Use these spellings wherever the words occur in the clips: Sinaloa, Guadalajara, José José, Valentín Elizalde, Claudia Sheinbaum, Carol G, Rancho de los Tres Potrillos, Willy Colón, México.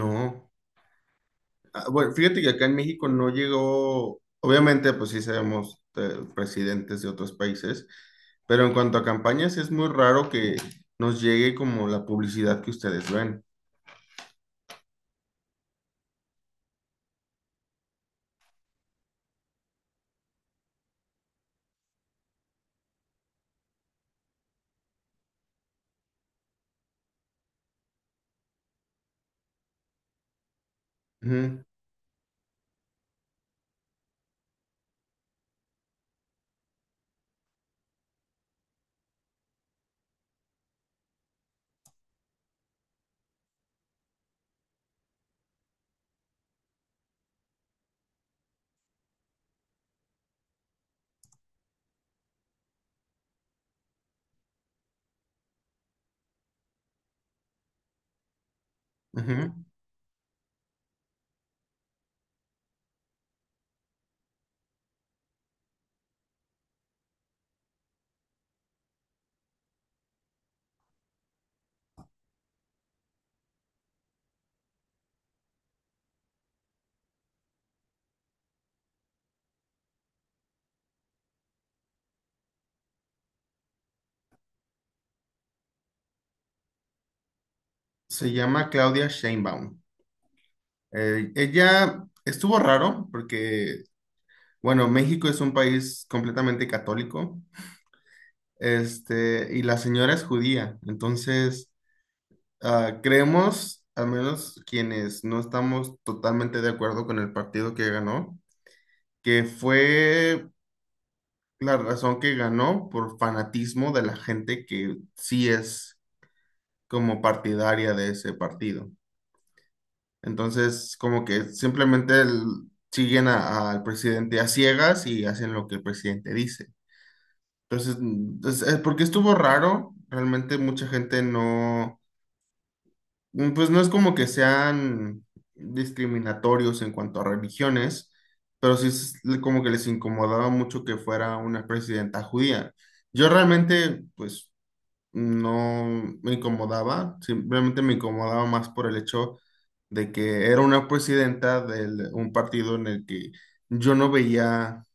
No. Ah, bueno, fíjate que acá en México no llegó, obviamente, pues sí sabemos presidentes de otros países, pero en cuanto a campañas es muy raro que nos llegue como la publicidad que ustedes ven. Ujú, ujú. Se llama Claudia Sheinbaum. Ella estuvo raro porque bueno, México es un país completamente católico, y la señora es judía. Entonces, creemos, al menos quienes no estamos totalmente de acuerdo con el partido que ganó, que fue la razón que ganó por fanatismo de la gente que sí es como partidaria de ese partido. Entonces, como que simplemente siguen al presidente a ciegas y hacen lo que el presidente dice. Entonces, porque estuvo raro, realmente mucha gente no, pues no es como que sean discriminatorios en cuanto a religiones, pero sí es como que les incomodaba mucho que fuera una presidenta judía. Yo realmente, pues, no me incomodaba, simplemente me incomodaba más por el hecho de que era una presidenta de un partido en el que yo no veía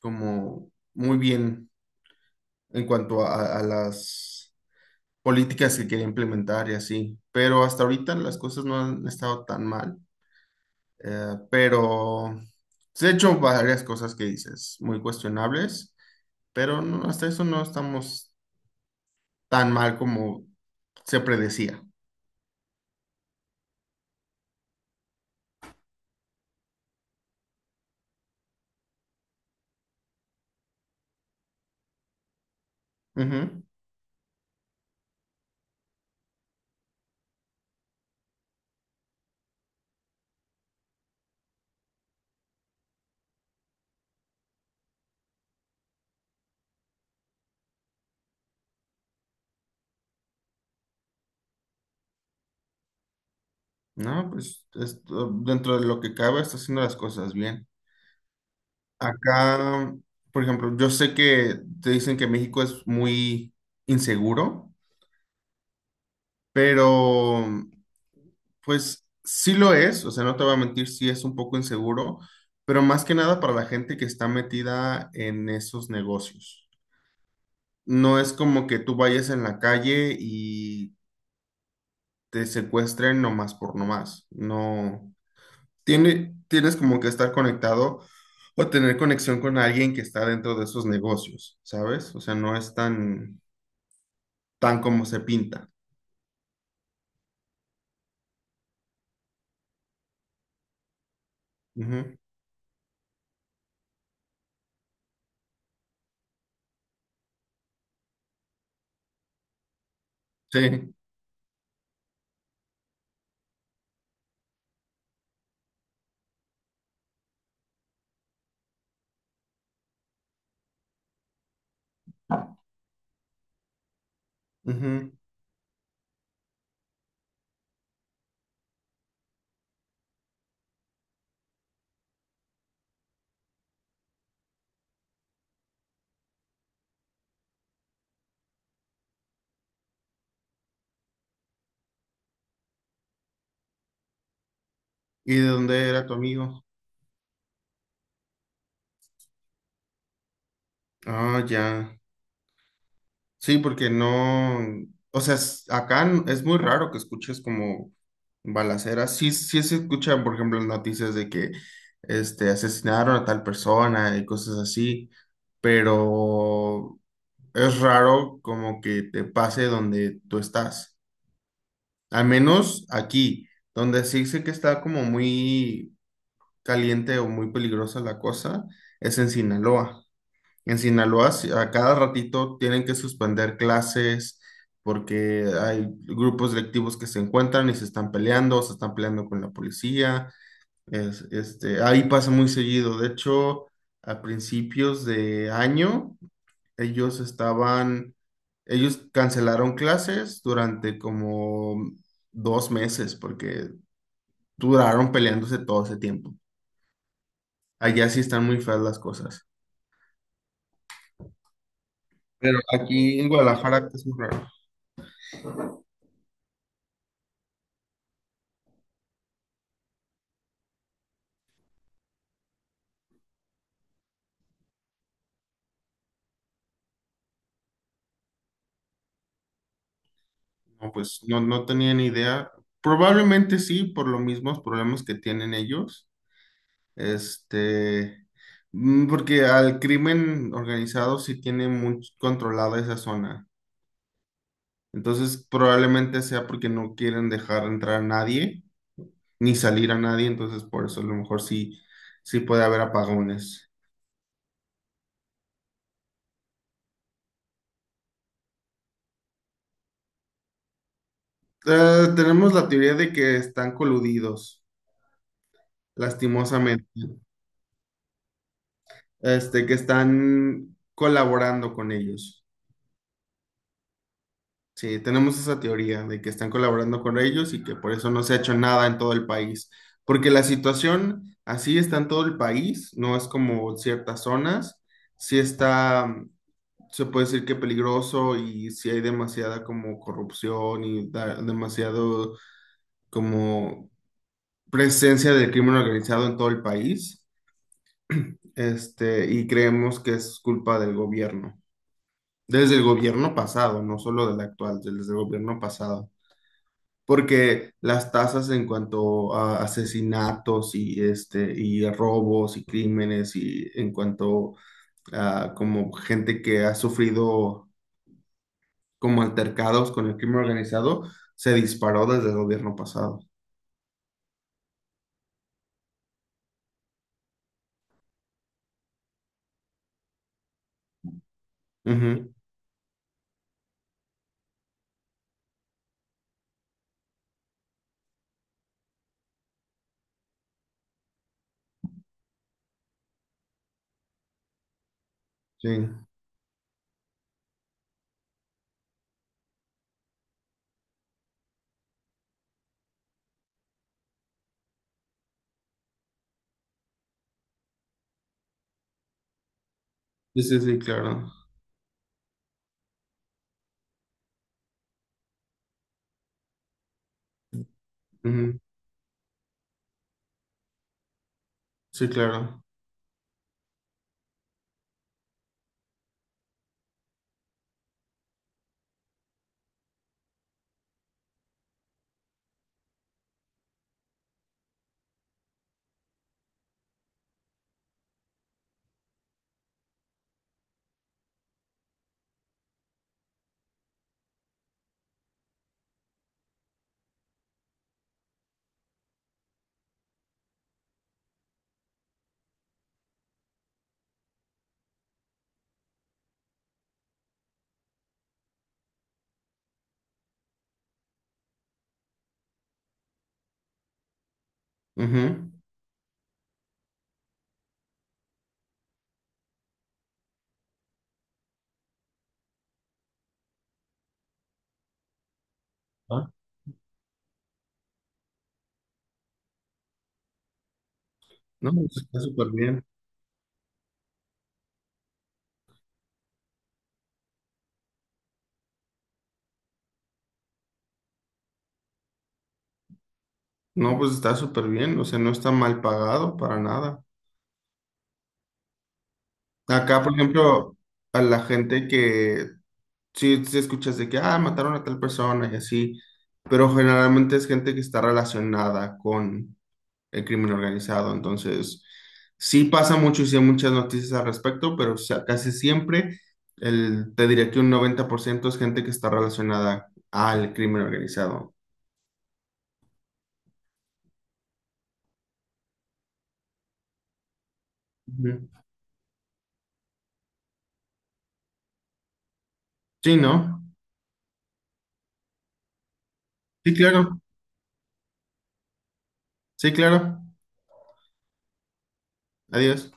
como muy bien en cuanto a a las políticas que quería implementar y así. Pero hasta ahorita las cosas no han estado tan mal. Pero se han hecho varias cosas que dices, muy cuestionables, pero no, hasta eso no estamos tan mal como se predecía. Ujú. No, pues dentro de lo que cabe está haciendo las cosas bien. Acá, por ejemplo, yo sé que te dicen que México es muy inseguro. Pero, pues sí lo es, o sea, no te voy a mentir, sí es un poco inseguro, pero más que nada para la gente que está metida en esos negocios. No es como que tú vayas en la calle y te secuestren nomás por nomás. No, tienes como que estar conectado o tener conexión con alguien que está dentro de esos negocios, ¿sabes? O sea, no es tan, tan como se pinta. Ujú, sí. Ujú. ¿Y de dónde era tu amigo? Ah, ya. Sí, porque no, o sea, acá es muy raro que escuches como balaceras. Sí, sí se escuchan, por ejemplo, las noticias de que asesinaron a tal persona y cosas así, pero es raro como que te pase donde tú estás. Al menos aquí, donde sí sé que está como muy caliente o muy peligrosa la cosa, es en Sinaloa. En Sinaloa, sí, a cada ratito tienen que suspender clases porque hay grupos delictivos que se encuentran y se están peleando con la policía. Ahí pasa muy seguido. De hecho, a principios de año, ellos estaban, ellos cancelaron clases durante como dos meses porque duraron peleándose todo ese tiempo. Allá sí están muy feas las cosas. Pero aquí en Guadalajara es muy raro. No, pues no, no tenía ni idea. Probablemente sí, por los mismos problemas que tienen ellos. Este, porque al crimen organizado sí tiene muy controlada esa zona. Entonces, probablemente sea porque no quieren dejar entrar a nadie, ni salir a nadie. Entonces, por eso a lo mejor sí, sí puede haber apagones. Tenemos la teoría de que están coludidos, lastimosamente. Este, que están colaborando con ellos. Sí, tenemos esa teoría de que están colaborando con ellos y que por eso no se ha hecho nada en todo el país, porque la situación así está en todo el país, no es como ciertas zonas, sí está, se puede decir que peligroso y sí hay demasiada como corrupción y demasiado como presencia del crimen organizado en todo el país, este, y creemos que es culpa del gobierno, desde el gobierno pasado, no solo del actual, desde el gobierno pasado. Porque las tasas en cuanto a asesinatos y, este, y robos y crímenes y en cuanto a como gente que ha sufrido como altercados con el crimen organizado, se disparó desde el gobierno pasado. Ujú, sí, sí, claro. Ujú, sí, claro. Ujú. Ah, no, pues está súper bien. No, pues está súper bien. O sea, no está mal pagado para nada. Acá, por ejemplo, a la gente que sí, sí escuchas de que, ah, mataron a tal persona y así, pero generalmente es gente que está relacionada con el crimen organizado, entonces sí pasa mucho y sí hay muchas noticias al respecto, pero o sea, casi siempre el, te diré que un 90% es gente que está relacionada al crimen organizado. Ujú. Sí, ¿no? Sí, claro, sí, claro. Adiós.